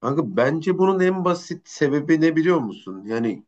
Kanka bence bunun en basit sebebi ne biliyor musun? Yani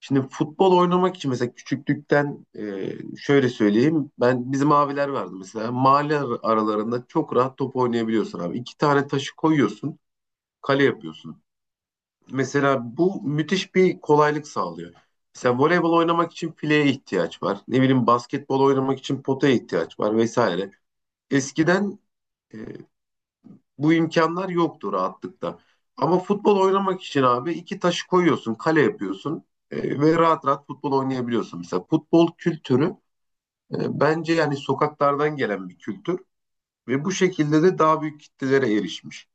şimdi futbol oynamak için mesela küçüklükten şöyle söyleyeyim. Ben bizim abiler vardı mesela. Mahalle aralarında çok rahat top oynayabiliyorsun abi. İki tane taşı koyuyorsun, kale yapıyorsun. Mesela bu müthiş bir kolaylık sağlıyor. Mesela voleybol oynamak için fileye ihtiyaç var. Ne bileyim basketbol oynamak için potaya ihtiyaç var vesaire. Eskiden e, bu imkanlar yoktu rahatlıkla. Ama futbol oynamak için abi iki taşı koyuyorsun, kale yapıyorsun ve rahat rahat futbol oynayabiliyorsun. Mesela futbol kültürü bence yani sokaklardan gelen bir kültür ve bu şekilde de daha büyük kitlelere erişmiş.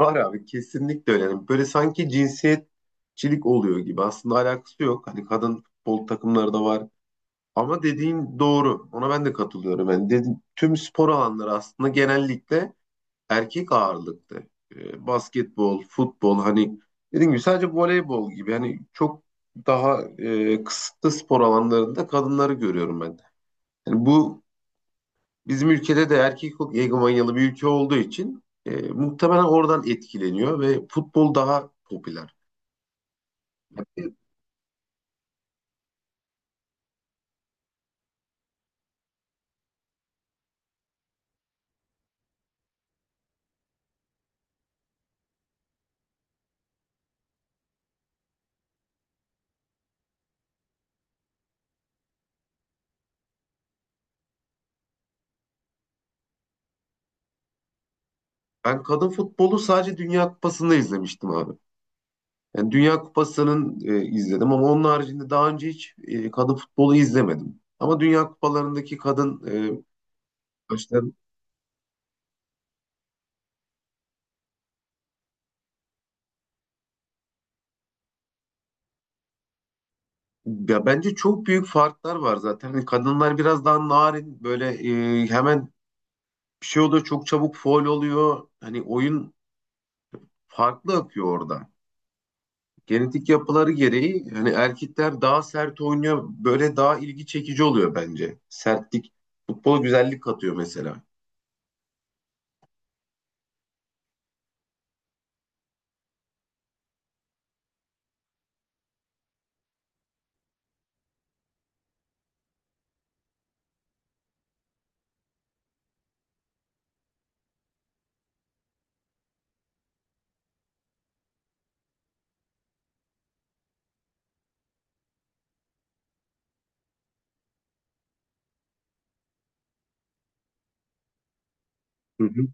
Var abi, kesinlikle öyle. Yani böyle sanki cinsiyetçilik oluyor gibi. Aslında alakası yok. Hani kadın futbol takımları da var. Ama dediğin doğru. Ona ben de katılıyorum. Yani tüm spor alanları aslında genellikle erkek ağırlıklı. Basketbol, futbol, hani dediğim gibi sadece voleybol gibi hani çok daha kısıtlı spor alanlarında kadınları görüyorum ben. Yani bu bizim ülkede de erkek egomanyalı bir ülke olduğu için muhtemelen oradan etkileniyor ve futbol daha popüler. E, Ben kadın futbolu sadece Dünya Kupası'nda izlemiştim abi. Yani Dünya Kupası'nın izledim ama onun haricinde daha önce hiç kadın futbolu izlemedim. Ama Dünya Kupalarındaki kadın maçlarını. Ya bence çok büyük farklar var zaten. Hani kadınlar biraz daha narin, böyle hemen bir şey oluyor, çok çabuk faul oluyor. Hani oyun farklı akıyor orada. Genetik yapıları gereği hani erkekler daha sert oynuyor. Böyle daha ilgi çekici oluyor bence. Sertlik futbola güzellik katıyor mesela. Hı hı.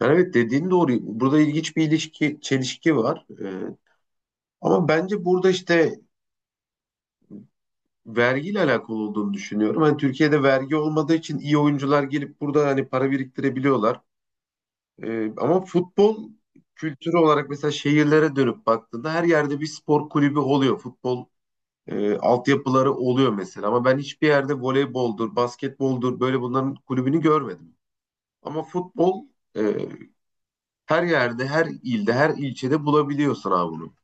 Yani evet, dediğin doğru. Burada ilginç bir ilişki, çelişki var. Ama bence burada işte vergiyle alakalı olduğunu düşünüyorum. Hani Türkiye'de vergi olmadığı için iyi oyuncular gelip burada hani para biriktirebiliyorlar. Ama futbol kültürü olarak mesela şehirlere dönüp baktığında her yerde bir spor kulübü oluyor. Futbol altyapıları oluyor mesela. Ama ben hiçbir yerde voleyboldur, basketboldur böyle bunların kulübünü görmedim. Ama futbol e, her yerde, her ilde, her ilçede bulabiliyorsun abi bunu.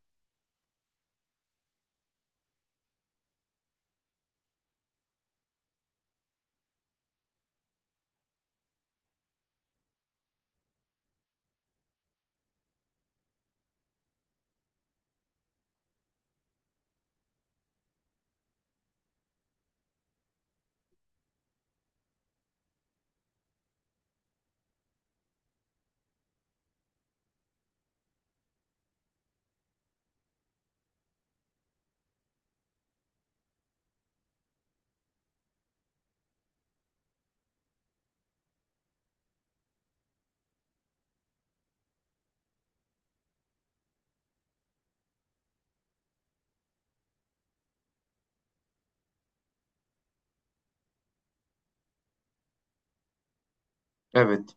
Evet.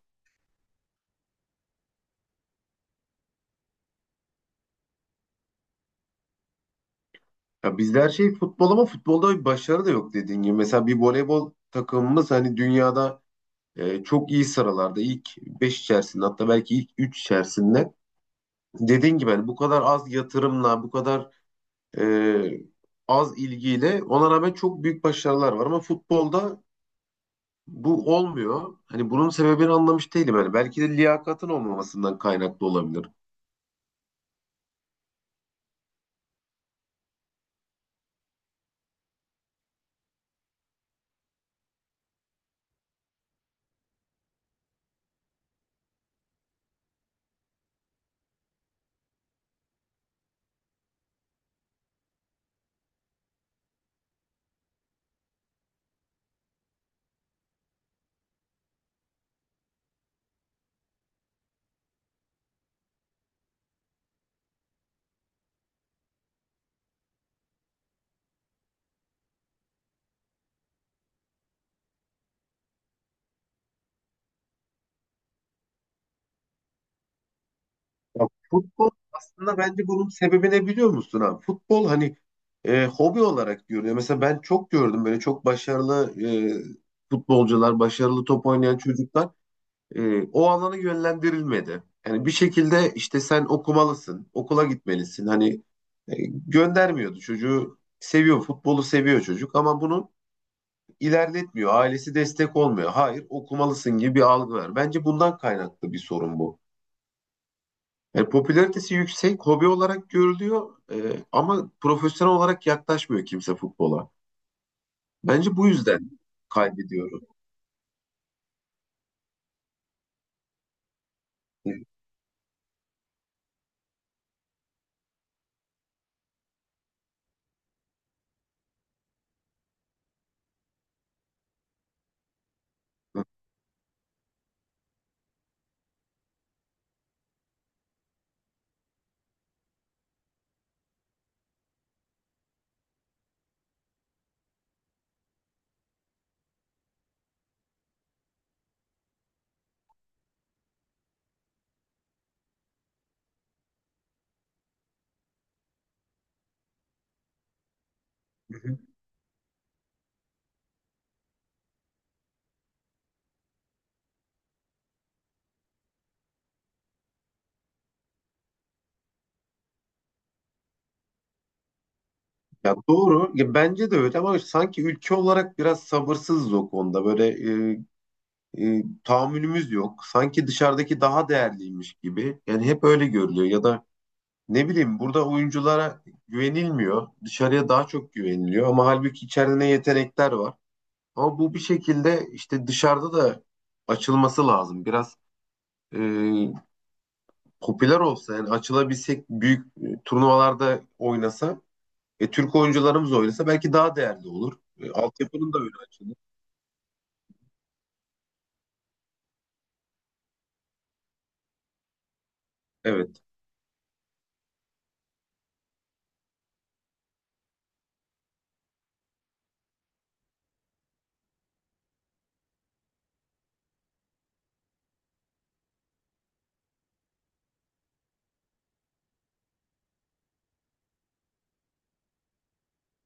Ya bizde her şey futbol ama futbolda bir başarı da yok, dediğin gibi. Mesela bir voleybol takımımız hani dünyada çok iyi sıralarda, ilk 5 içerisinde, hatta belki ilk 3 içerisinde. Dediğin gibi hani bu kadar az yatırımla, bu kadar e, az ilgiyle, ona rağmen çok büyük başarılar var ama futbolda bu olmuyor. Hani bunun sebebini anlamış değilim. Yani belki de liyakatın olmamasından kaynaklı olabilir. Ya futbol aslında bence bunun sebebi ne biliyor musun abi? Futbol, hani hobi olarak görüyor. Mesela ben çok gördüm böyle çok başarılı futbolcular, başarılı top oynayan çocuklar o alana yönlendirilmedi. Yani bir şekilde işte sen okumalısın, okula gitmelisin. Hani göndermiyordu çocuğu. Seviyor, futbolu seviyor çocuk ama bunu ilerletmiyor. Ailesi destek olmuyor. Hayır, okumalısın gibi bir algı var. Bence bundan kaynaklı bir sorun bu. Yani popülaritesi yüksek, hobi olarak görülüyor, ama profesyonel olarak yaklaşmıyor kimse futbola. Bence bu yüzden kaybediyoruz. Hı hı. Ya doğru. Ya bence de öyle ama sanki ülke olarak biraz sabırsızız o konuda. Böyle e, tahammülümüz yok. Sanki dışarıdaki daha değerliymiş gibi. Yani hep öyle görülüyor. Ya da ne bileyim, burada oyunculara güvenilmiyor. Dışarıya daha çok güveniliyor ama halbuki içeride ne yetenekler var. Ama bu bir şekilde işte dışarıda da açılması lazım. Biraz e, popüler olsa, yani açılabilsek, büyük turnuvalarda oynasa, Türk oyuncularımız oynasa belki daha değerli olur. Altyapının da öyle açılır. Evet.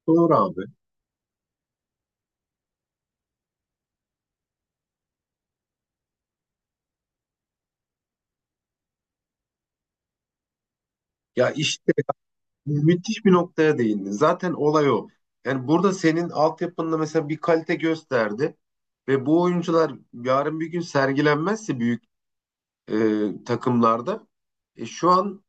Doğru abi. Ya işte müthiş bir noktaya değindin. Zaten olay o. Yani burada senin altyapında mesela bir kalite gösterdi ve bu oyuncular yarın bir gün sergilenmezse büyük takımlarda şu an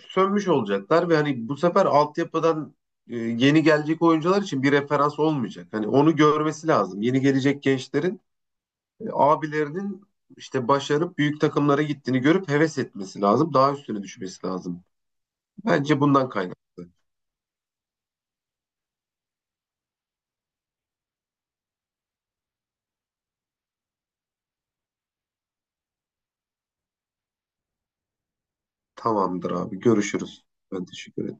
sönmüş olacaklar ve hani bu sefer altyapıdan yeni gelecek oyuncular için bir referans olmayacak. Hani onu görmesi lazım. Yeni gelecek gençlerin abilerinin işte başarıp büyük takımlara gittiğini görüp heves etmesi lazım. Daha üstüne düşmesi lazım. Bence bundan kaynaklı. Tamamdır abi. Görüşürüz. Ben teşekkür ederim.